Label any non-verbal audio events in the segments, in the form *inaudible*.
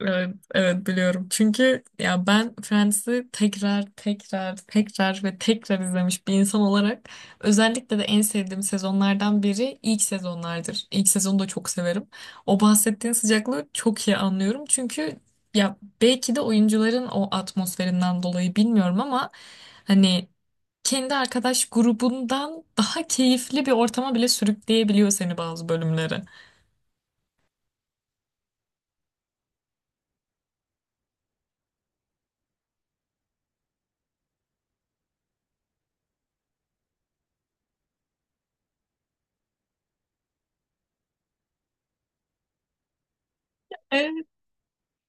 Evet, evet biliyorum. Çünkü ya ben Friends'i tekrar tekrar ve tekrar izlemiş bir insan olarak özellikle de en sevdiğim sezonlardan biri ilk sezonlardır. İlk sezonu da çok severim. O bahsettiğin sıcaklığı çok iyi anlıyorum. Çünkü ya belki de oyuncuların o atmosferinden dolayı bilmiyorum ama hani kendi arkadaş grubundan daha keyifli bir ortama bile sürükleyebiliyor seni bazı bölümleri.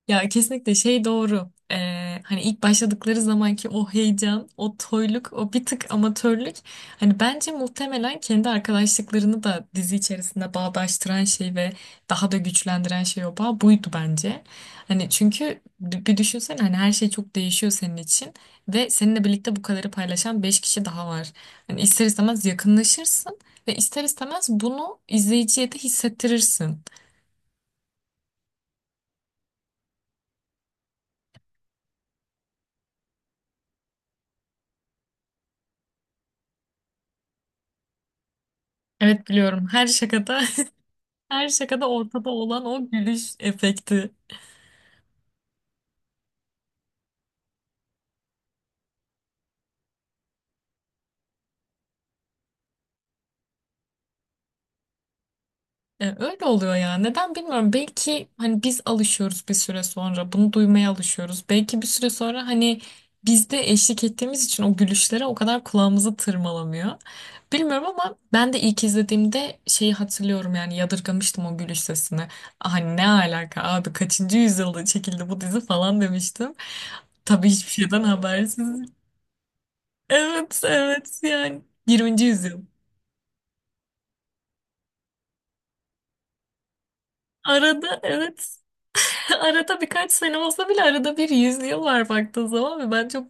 Ya kesinlikle şey doğru. Hani ilk başladıkları zamanki o heyecan, o toyluk, o bir tık amatörlük. Hani bence muhtemelen kendi arkadaşlıklarını da dizi içerisinde bağdaştıran şey ve daha da güçlendiren şey o bağ buydu bence. Hani çünkü bir düşünsene hani her şey çok değişiyor senin için ve seninle birlikte bu kadarı paylaşan 5 kişi daha var. Hani ister istemez yakınlaşırsın ve ister istemez bunu izleyiciye de hissettirirsin. Evet biliyorum, her şakada *laughs* her şakada ortada olan o gülüş efekti. Öyle oluyor ya. Neden bilmiyorum. Belki hani biz alışıyoruz bir süre sonra. Bunu duymaya alışıyoruz. Belki bir süre sonra hani biz de eşlik ettiğimiz için o gülüşlere o kadar kulağımızı tırmalamıyor. Bilmiyorum ama ben de ilk izlediğimde şeyi hatırlıyorum yani, yadırgamıştım o gülüş sesini. "Ah, hani ne alaka abi, kaçıncı yüzyılda çekildi bu dizi" falan demiştim. Tabii hiçbir şeyden habersiz. Evet evet, yani 20. yüzyıl. Arada evet, *laughs* arada birkaç sene olsa bile arada bir yüzüyorlar baktığın zaman, ve ben çok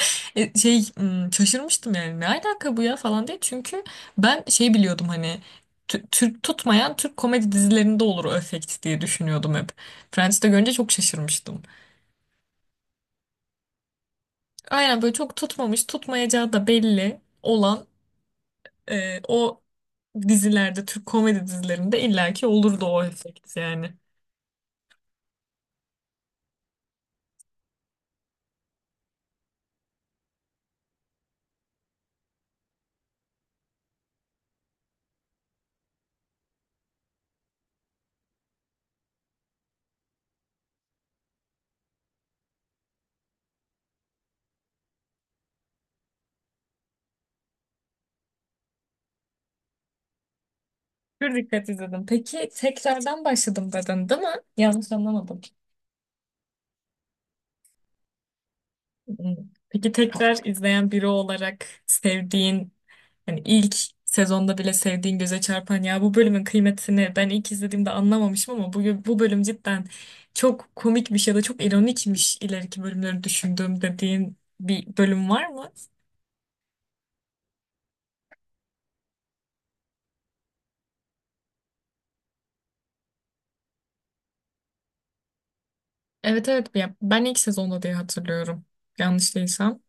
*laughs* şaşırmıştım yani, ne alaka bu ya falan diye. Çünkü ben şey biliyordum, hani Türk tutmayan Türk komedi dizilerinde olur o efekt diye düşünüyordum hep. Friends'te görünce çok şaşırmıştım. Aynen böyle, çok tutmamış, tutmayacağı da belli olan o dizilerde, Türk komedi dizilerinde illaki olurdu o efekt yani. Pür dikkat izledim. Peki tekrardan başladım dedin, değil mi? Yanlış anlamadım. Hmm. Peki, tekrar izleyen biri olarak sevdiğin, hani ilk sezonda bile sevdiğin, göze çarpan, ya bu bölümün kıymetini ben ilk izlediğimde anlamamışım ama bu bölüm cidden çok komikmiş ya da çok ironikmiş ileriki bölümleri düşündüğüm, dediğin bir bölüm var mı? Evet evet, ya ben ilk sezonda diye hatırlıyorum. Yanlış değilsem.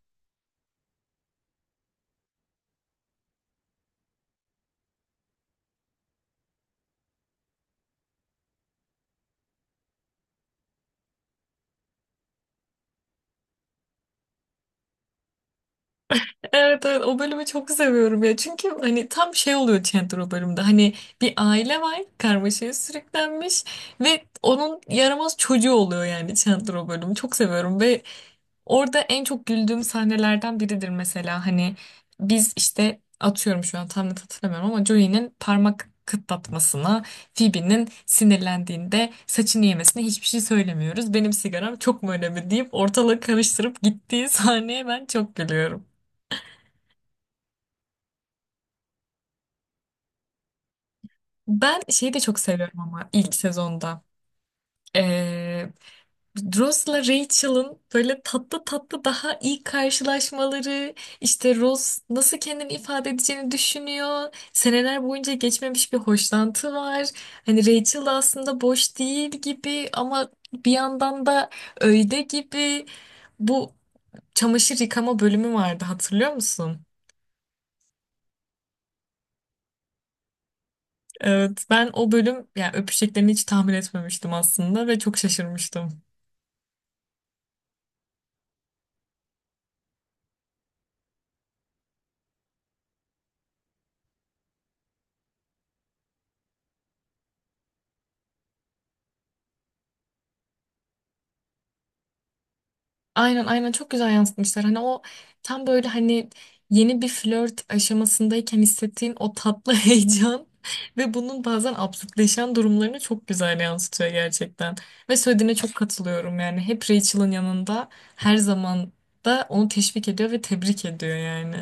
Evet, evet, o bölümü çok seviyorum ya, çünkü hani tam şey oluyor Chandler o bölümde. Hani bir aile var karmaşaya sürüklenmiş ve onun yaramaz çocuğu oluyor yani Chandler. O bölümü çok seviyorum ve orada en çok güldüğüm sahnelerden biridir mesela. Hani biz işte, atıyorum, şu an tam net hatırlamıyorum ama Joey'nin parmak kıtlatmasına, Phoebe'nin sinirlendiğinde saçını yemesine hiçbir şey söylemiyoruz, benim sigaram çok mu önemli deyip ortalığı karıştırıp gittiği sahneye ben çok gülüyorum. Ben şeyi de çok seviyorum ama ilk sezonda. Ee, Ross'la Rachel'ın böyle tatlı tatlı daha ilk karşılaşmaları, işte Ross nasıl kendini ifade edeceğini düşünüyor. Seneler boyunca geçmemiş bir hoşlantı var. Hani Rachel da aslında boş değil gibi, ama bir yandan da öyle gibi. Bu çamaşır yıkama bölümü vardı, hatırlıyor musun? Evet, ben o bölüm yani öpüşeceklerini hiç tahmin etmemiştim aslında ve çok şaşırmıştım. Aynen aynen, çok güzel yansıtmışlar. Hani o tam böyle hani, yeni bir flört aşamasındayken hissettiğin o tatlı *laughs* heyecan ve bunun bazen absürtleşen durumlarını çok güzel yansıtıyor gerçekten. Ve söylediğine çok katılıyorum yani. Hep Rachel'ın yanında, her zaman da onu teşvik ediyor ve tebrik ediyor yani.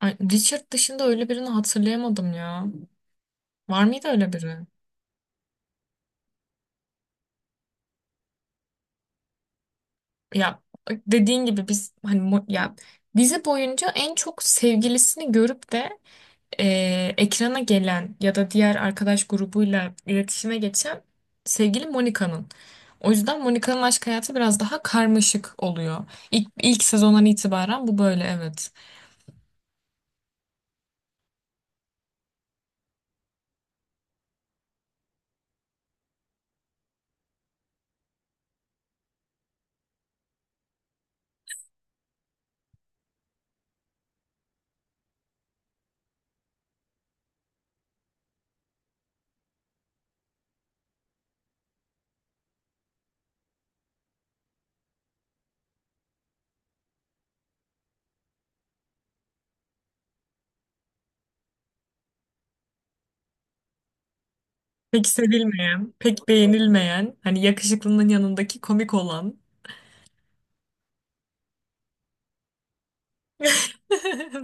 Ay, Richard dışında öyle birini hatırlayamadım ya. Var mıydı öyle biri? Ya, dediğin gibi biz hani ya dizi boyunca en çok sevgilisini görüp de ekrana gelen ya da diğer arkadaş grubuyla iletişime geçen sevgili Monika'nın. O yüzden Monika'nın aşk hayatı biraz daha karmaşık oluyor. İlk sezondan itibaren bu böyle, evet. Pek sevilmeyen, pek beğenilmeyen, hani yakışıklının yanındaki komik olan.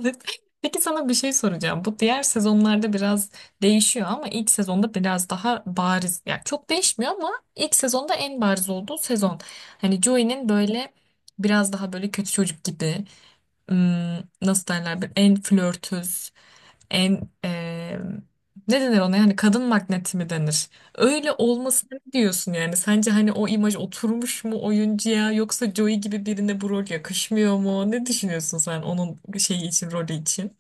Evet. Peki sana bir şey soracağım. Bu diğer sezonlarda biraz değişiyor ama ilk sezonda biraz daha bariz. Yani çok değişmiyor ama ilk sezonda en bariz olduğu sezon. Hani Joey'nin böyle biraz daha böyle kötü çocuk gibi, nasıl derler, bir en flörtöz, en ne denir ona yani, kadın magneti mi denir? Öyle olmasına ne diyorsun yani? Sence hani o imaj oturmuş mu oyuncuya, yoksa Joey gibi birine bu rol yakışmıyor mu? Ne düşünüyorsun sen onun şeyi için, rolü için?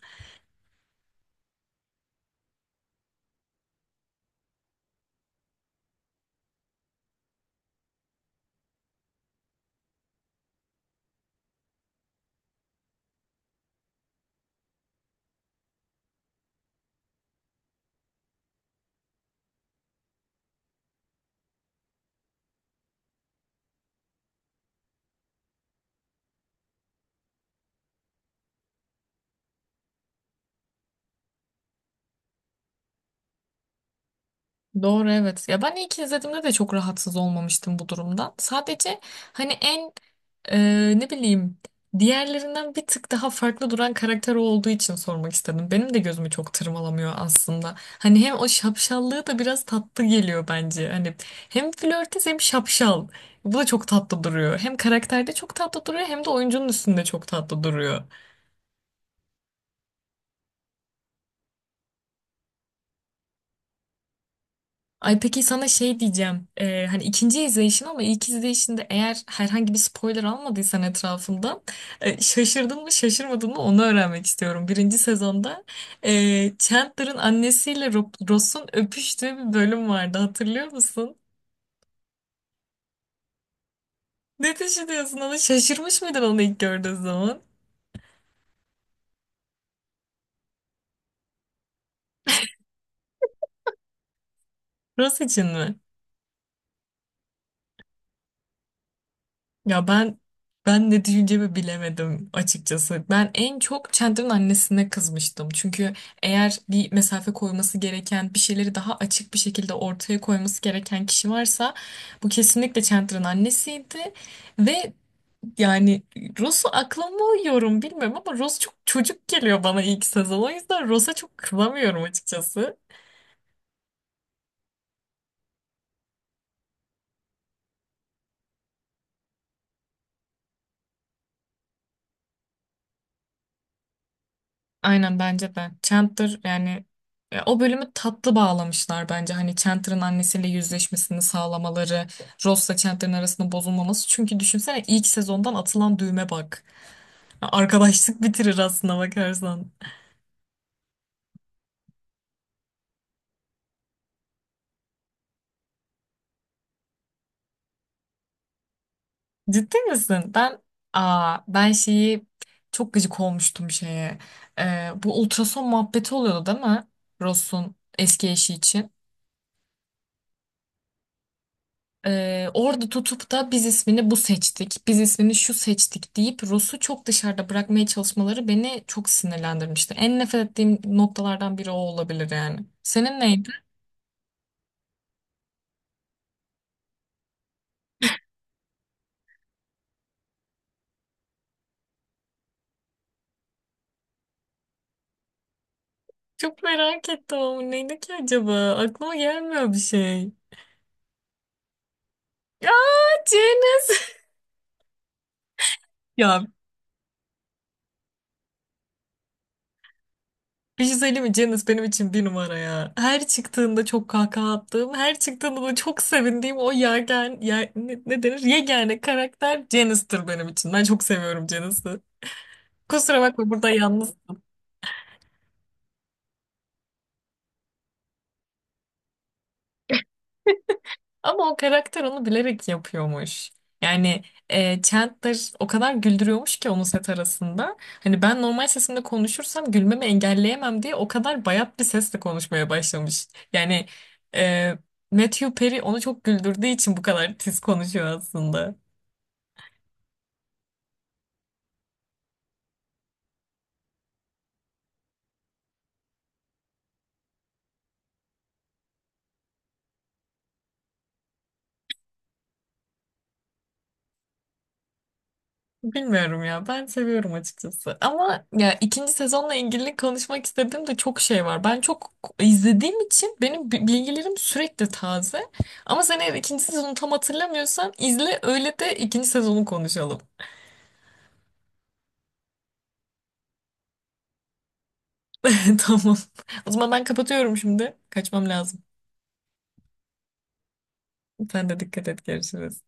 Doğru evet. Ya ben ilk izlediğimde de çok rahatsız olmamıştım bu durumdan. Sadece hani en ne bileyim, diğerlerinden bir tık daha farklı duran karakter o olduğu için sormak istedim. Benim de gözümü çok tırmalamıyor aslında. Hani hem o şapşallığı da biraz tatlı geliyor bence. Hani hem flörtöz hem şapşal. Bu da çok tatlı duruyor. Hem karakterde çok tatlı duruyor, hem de oyuncunun üstünde çok tatlı duruyor. Ay, peki sana şey diyeceğim. Hani ikinci izleyişin, ama ilk izleyişinde eğer herhangi bir spoiler almadıysan etrafından, şaşırdın mı şaşırmadın mı onu öğrenmek istiyorum. Birinci sezonda Chandler'ın annesiyle Ross'un öpüştüğü bir bölüm vardı, hatırlıyor musun? Ne düşünüyorsun, onu şaşırmış mıydın onu ilk gördüğün zaman? Ross için mi? Ya ben, ne diyeceğimi bilemedim açıkçası. Ben en çok Chandler'ın annesine kızmıştım. Çünkü eğer bir mesafe koyması gereken, bir şeyleri daha açık bir şekilde ortaya koyması gereken kişi varsa bu kesinlikle Chandler'ın annesiydi. Ve yani, Ross'u akla mı yorum bilmiyorum, ama Ross çok çocuk geliyor bana ilk sezon. O yüzden Ross'a çok kızamıyorum açıkçası. Aynen, bence de. Chandler yani, o bölümü tatlı bağlamışlar bence. Hani Chandler'ın annesiyle yüzleşmesini sağlamaları, Ross'la Chandler'ın arasında bozulmaması. Çünkü düşünsene ilk sezondan atılan düğme bak. Arkadaşlık *laughs* bitirir aslında bakarsan. Ciddi misin? Ben, ben şeyi, çok gıcık olmuştum şeye. Bu ultrason muhabbeti oluyordu değil mi, Ross'un eski eşi için? Orada tutup da biz ismini bu seçtik, biz ismini şu seçtik deyip Rus'u çok dışarıda bırakmaya çalışmaları beni çok sinirlendirmişti. En nefret ettiğim noktalardan biri o olabilir yani. Senin neydi? Çok merak ettim, ama neydi ki acaba? Aklıma gelmiyor bir şey. Ya, Ceniz! *laughs* Ya bir şey söyleyeyim mi? Ceniz benim için bir numara ya. Her çıktığında çok kahkaha attığım, her çıktığında da çok sevindiğim o yergen, yer, ne, ne denir, yegane karakter Ceniz'tir benim için. Ben çok seviyorum Ceniz'i. Kusura bakma, burada yalnız. Ama o karakter onu bilerek yapıyormuş. Yani Chandler o kadar güldürüyormuş ki onu set arasında. Hani ben normal sesimle konuşursam gülmemi engelleyemem diye o kadar bayat bir sesle konuşmaya başlamış. Yani e, Matthew Perry onu çok güldürdüğü için bu kadar tiz konuşuyor aslında. Bilmiyorum ya, ben seviyorum açıkçası. Ama ya ikinci sezonla ilgili konuşmak istediğim de çok şey var. Ben çok izlediğim için benim bilgilerim sürekli taze, ama sen eğer ikinci sezonu tam hatırlamıyorsan izle, öyle de ikinci sezonu konuşalım. *laughs* Tamam, o zaman ben kapatıyorum, şimdi kaçmam lazım. Sen de dikkat et, görüşürüz.